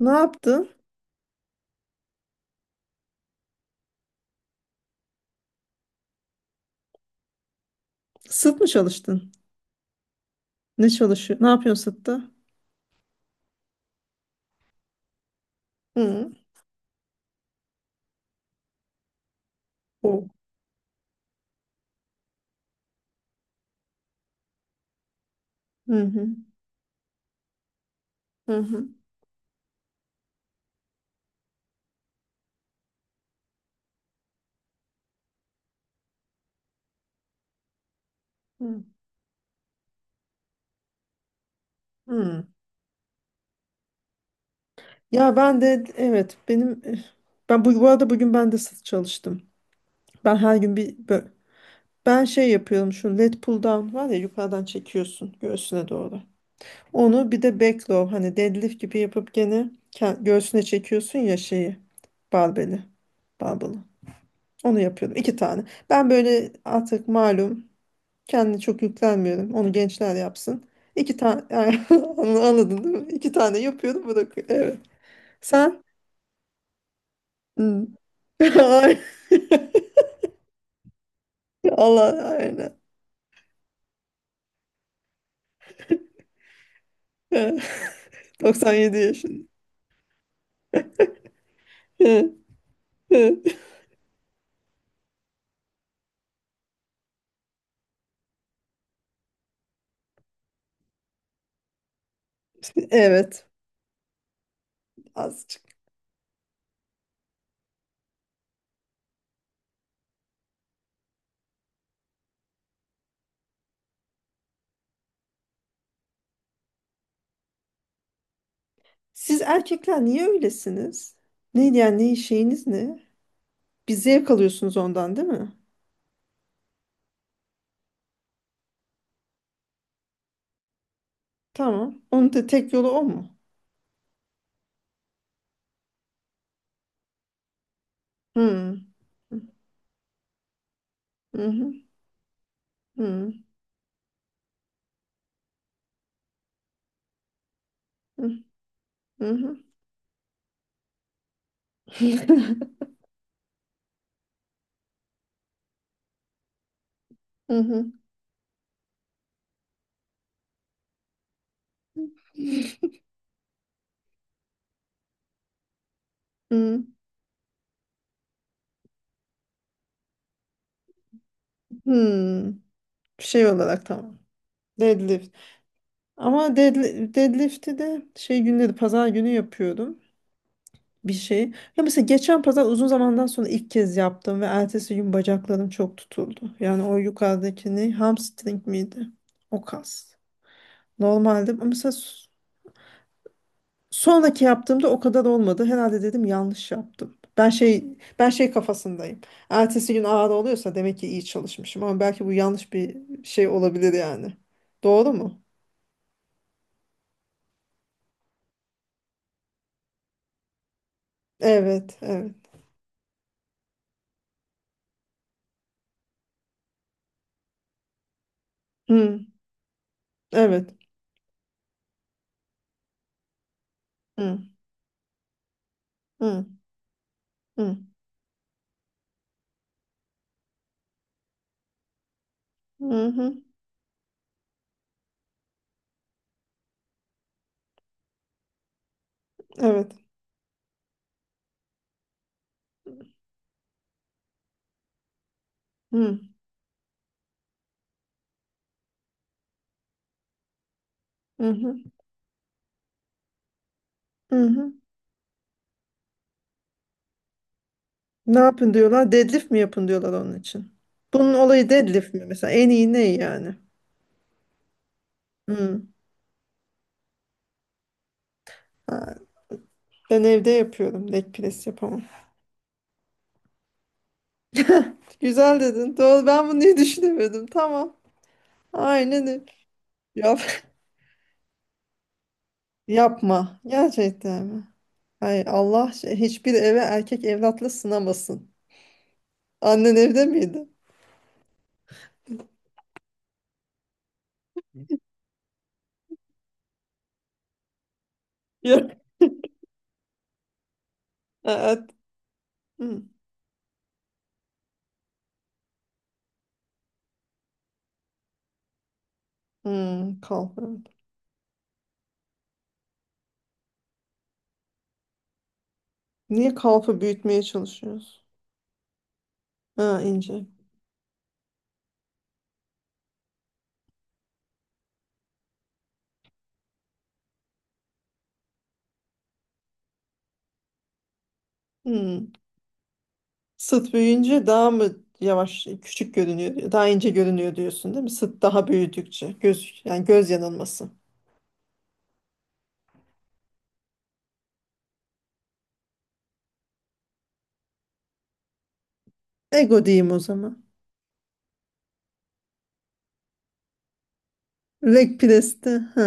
Ne yaptın? Sırt mı çalıştın? Ne çalışıyor? Ne yapıyorsun sırtta? Hı. O. Hı hı. Hı hı. Hı. Hı. Ya ben de, evet, benim ben bu arada bugün ben de sırt çalıştım. Ben her gün bir bö- Ben şey yapıyorum, şu lat pull down var ya, yukarıdan çekiyorsun göğsüne doğru. Onu bir de back row, hani deadlift gibi yapıp gene göğsüne çekiyorsun ya, şeyi, barbeli. Barbeli. Onu yapıyordum. İki tane. Ben böyle artık, malum, kendine çok yüklenmiyorum. Onu gençler yapsın. İki tane yani, anladın değil mi? İki tane yapıyorum, bırakıyorum. Evet. Sen? Hmm. Ay. Allah aynen. Evet. 97 yaşında. Evet. Evet. Evet. Azıcık. Siz erkekler niye öylesiniz? Neydi yani, ne şeyiniz ne? Bir zevk alıyorsunuz ondan, değil mi? Tamam. Onun da tek yolu o mu? Hmm. Hı hı. Hı hı. Hı hı. Hı hı. Hı. Hmm, şey olarak tamam. Deadlift. Ama deadlift'i de şey günleri, pazar günü yapıyordum bir şey. Ya mesela geçen pazar, uzun zamandan sonra ilk kez yaptım ve ertesi gün bacaklarım çok tutuldu. Yani o yukarıdaki ne? Hamstring miydi? O kas. Normalde ama mesela sonraki yaptığımda o kadar olmadı. Herhalde dedim yanlış yaptım. Ben şey kafasındayım. Ertesi gün ağrı oluyorsa demek ki iyi çalışmışım, ama belki bu yanlış bir şey olabilir yani. Doğru mu? Evet, evet. Hı, evet. Hı, hı, hı. Hı hı, evet. Hı, hı hı, hı hı. Ne yapın diyorlar? Deadlift mi yapın diyorlar onun için? Bunun olayı deadlift mi mesela? En iyi ne yani? Hı. Ha, ben evde yapıyorum. Leg press yapamam. Güzel dedin. Doğru. Ben bunu niye düşünemedim? Tamam. Aynen öyle. Yap. Yapma. Gerçekten mi? Hay Allah, hiçbir eve erkek evlatla sınamasın. Annen evde miydi? Yok. Evet. Hı. Hmm, kalfa. Evet. Niye kalfa büyütmeye çalışıyoruz? Ha, ince. Hmm. Sıt büyüyünce daha mı yavaş, küçük görünüyor, daha ince görünüyor diyorsun, değil mi? Sıt daha büyüdükçe. Göz, yani göz yanılması. Ego diyeyim o zaman. Leg press'te. Ha.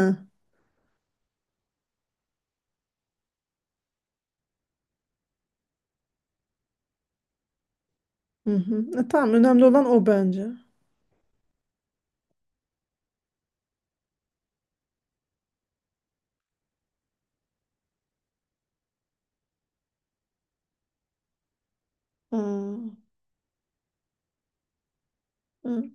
Hı hı. Tamam, önemli olan o bence. Ha. Hı.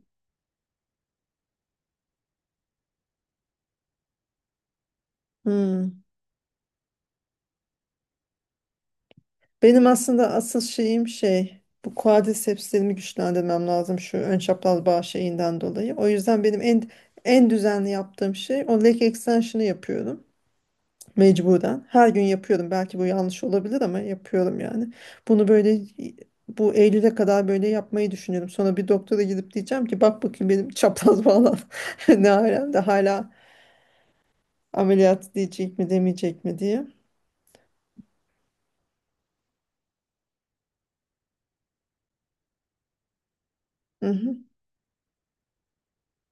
Hı. Benim aslında asıl şeyim şey, bu quadricepslerimi güçlendirmem lazım şu ön çapraz bağ şeyinden dolayı. O yüzden benim en düzenli yaptığım şey o leg extension'ı yapıyorum mecburen. Her gün yapıyorum. Belki bu yanlış olabilir ama yapıyorum yani. Bunu böyle, bu Eylül'e kadar böyle yapmayı düşünüyorum. Sonra bir doktora gidip diyeceğim ki, bak bakayım benim çapraz bağlar ne alemde hala, ameliyat diyecek mi demeyecek mi diye. Hı hı.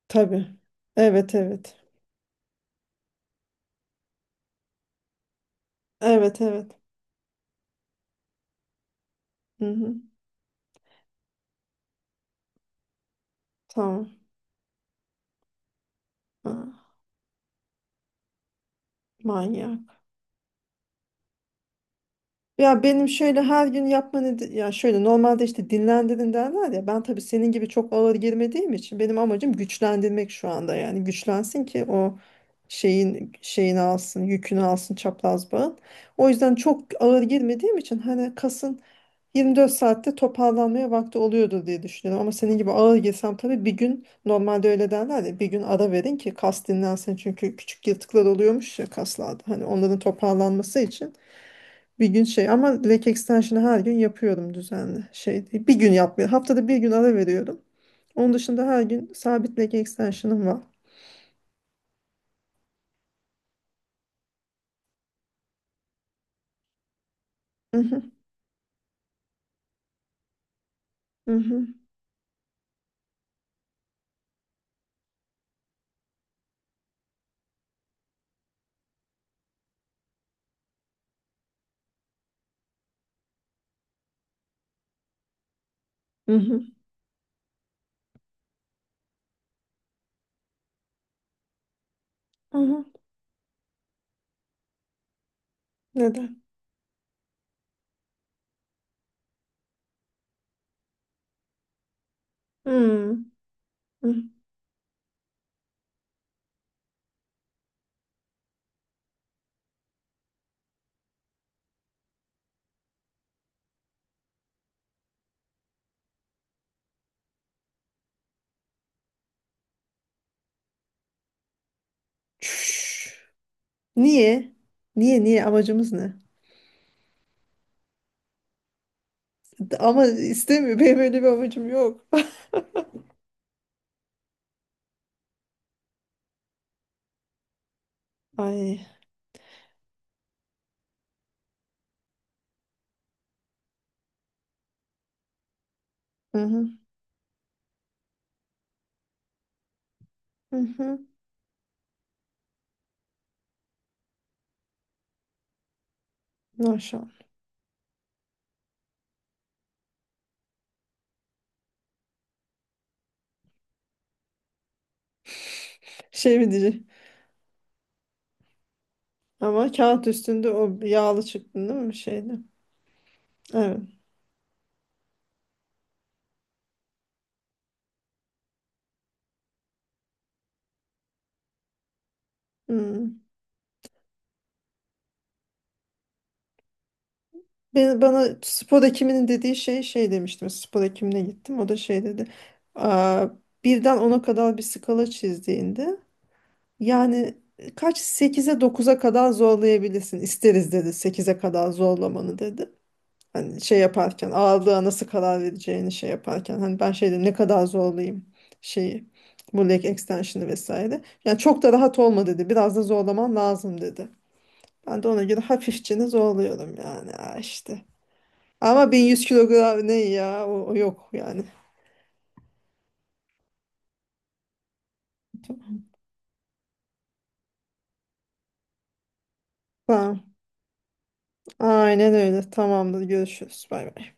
Tabii. Evet evet. Evet evet. Hı hı. Tamam. Ha, manyak. Ya benim şöyle her gün yapma ya şöyle, normalde işte dinlendirin derler ya, ben tabii senin gibi çok ağır girmediğim için, benim amacım güçlendirmek şu anda, yani güçlensin ki o şeyin şeyini alsın, yükünü alsın çapraz bağın. O yüzden çok ağır girmediğim için hani kasın 24 saatte toparlanmaya vakti oluyordur diye düşünüyorum. Ama senin gibi ağır girsem tabii bir gün, normalde öyle derler ya, bir gün ara verin ki kas dinlensin. Çünkü küçük yırtıklar oluyormuş ya kaslarda. Hani onların toparlanması için bir gün şey, ama leg extension'ı her gün yapıyorum düzenli. Şey değil, bir gün yapmıyorum. Haftada bir gün ara veriyorum. Onun dışında her gün sabit leg extension'ım var. Mhm, mhm, mhm, mhm. Neden? Hmm, mhm. Çüş. Niye? Niye amacımız ne? Ama istemiyor. Benim öyle bir amacım yok. Ay. Hı hı. Hı hı. Maşallah. Şey mi diyecek? Ama kağıt üstünde o yağlı çıktın değil mi, şeyde? Evet. Hı. Bana spor hekiminin dediği şey demiştim. Spor hekimine gittim. O da şey dedi. Aa, birden 10'a kadar bir skala çizdiğinde yani, kaç sekize dokuza kadar zorlayabilirsin. İsteriz dedi, sekize kadar zorlamanı dedi. Hani şey yaparken ağırlığa nasıl karar vereceğini, şey yaparken, hani ben şeyde ne kadar zorlayayım, şeyi, bu leg extension'ı vesaire. Yani çok da rahat olma dedi. Biraz da zorlaman lazım dedi. Ben de ona göre hafifçe zorluyorum yani, ha işte. Ama 1100 kilogram ne ya, o yok yani. Tamam. Aynen öyle. Tamamdır. Görüşürüz. Bay bay.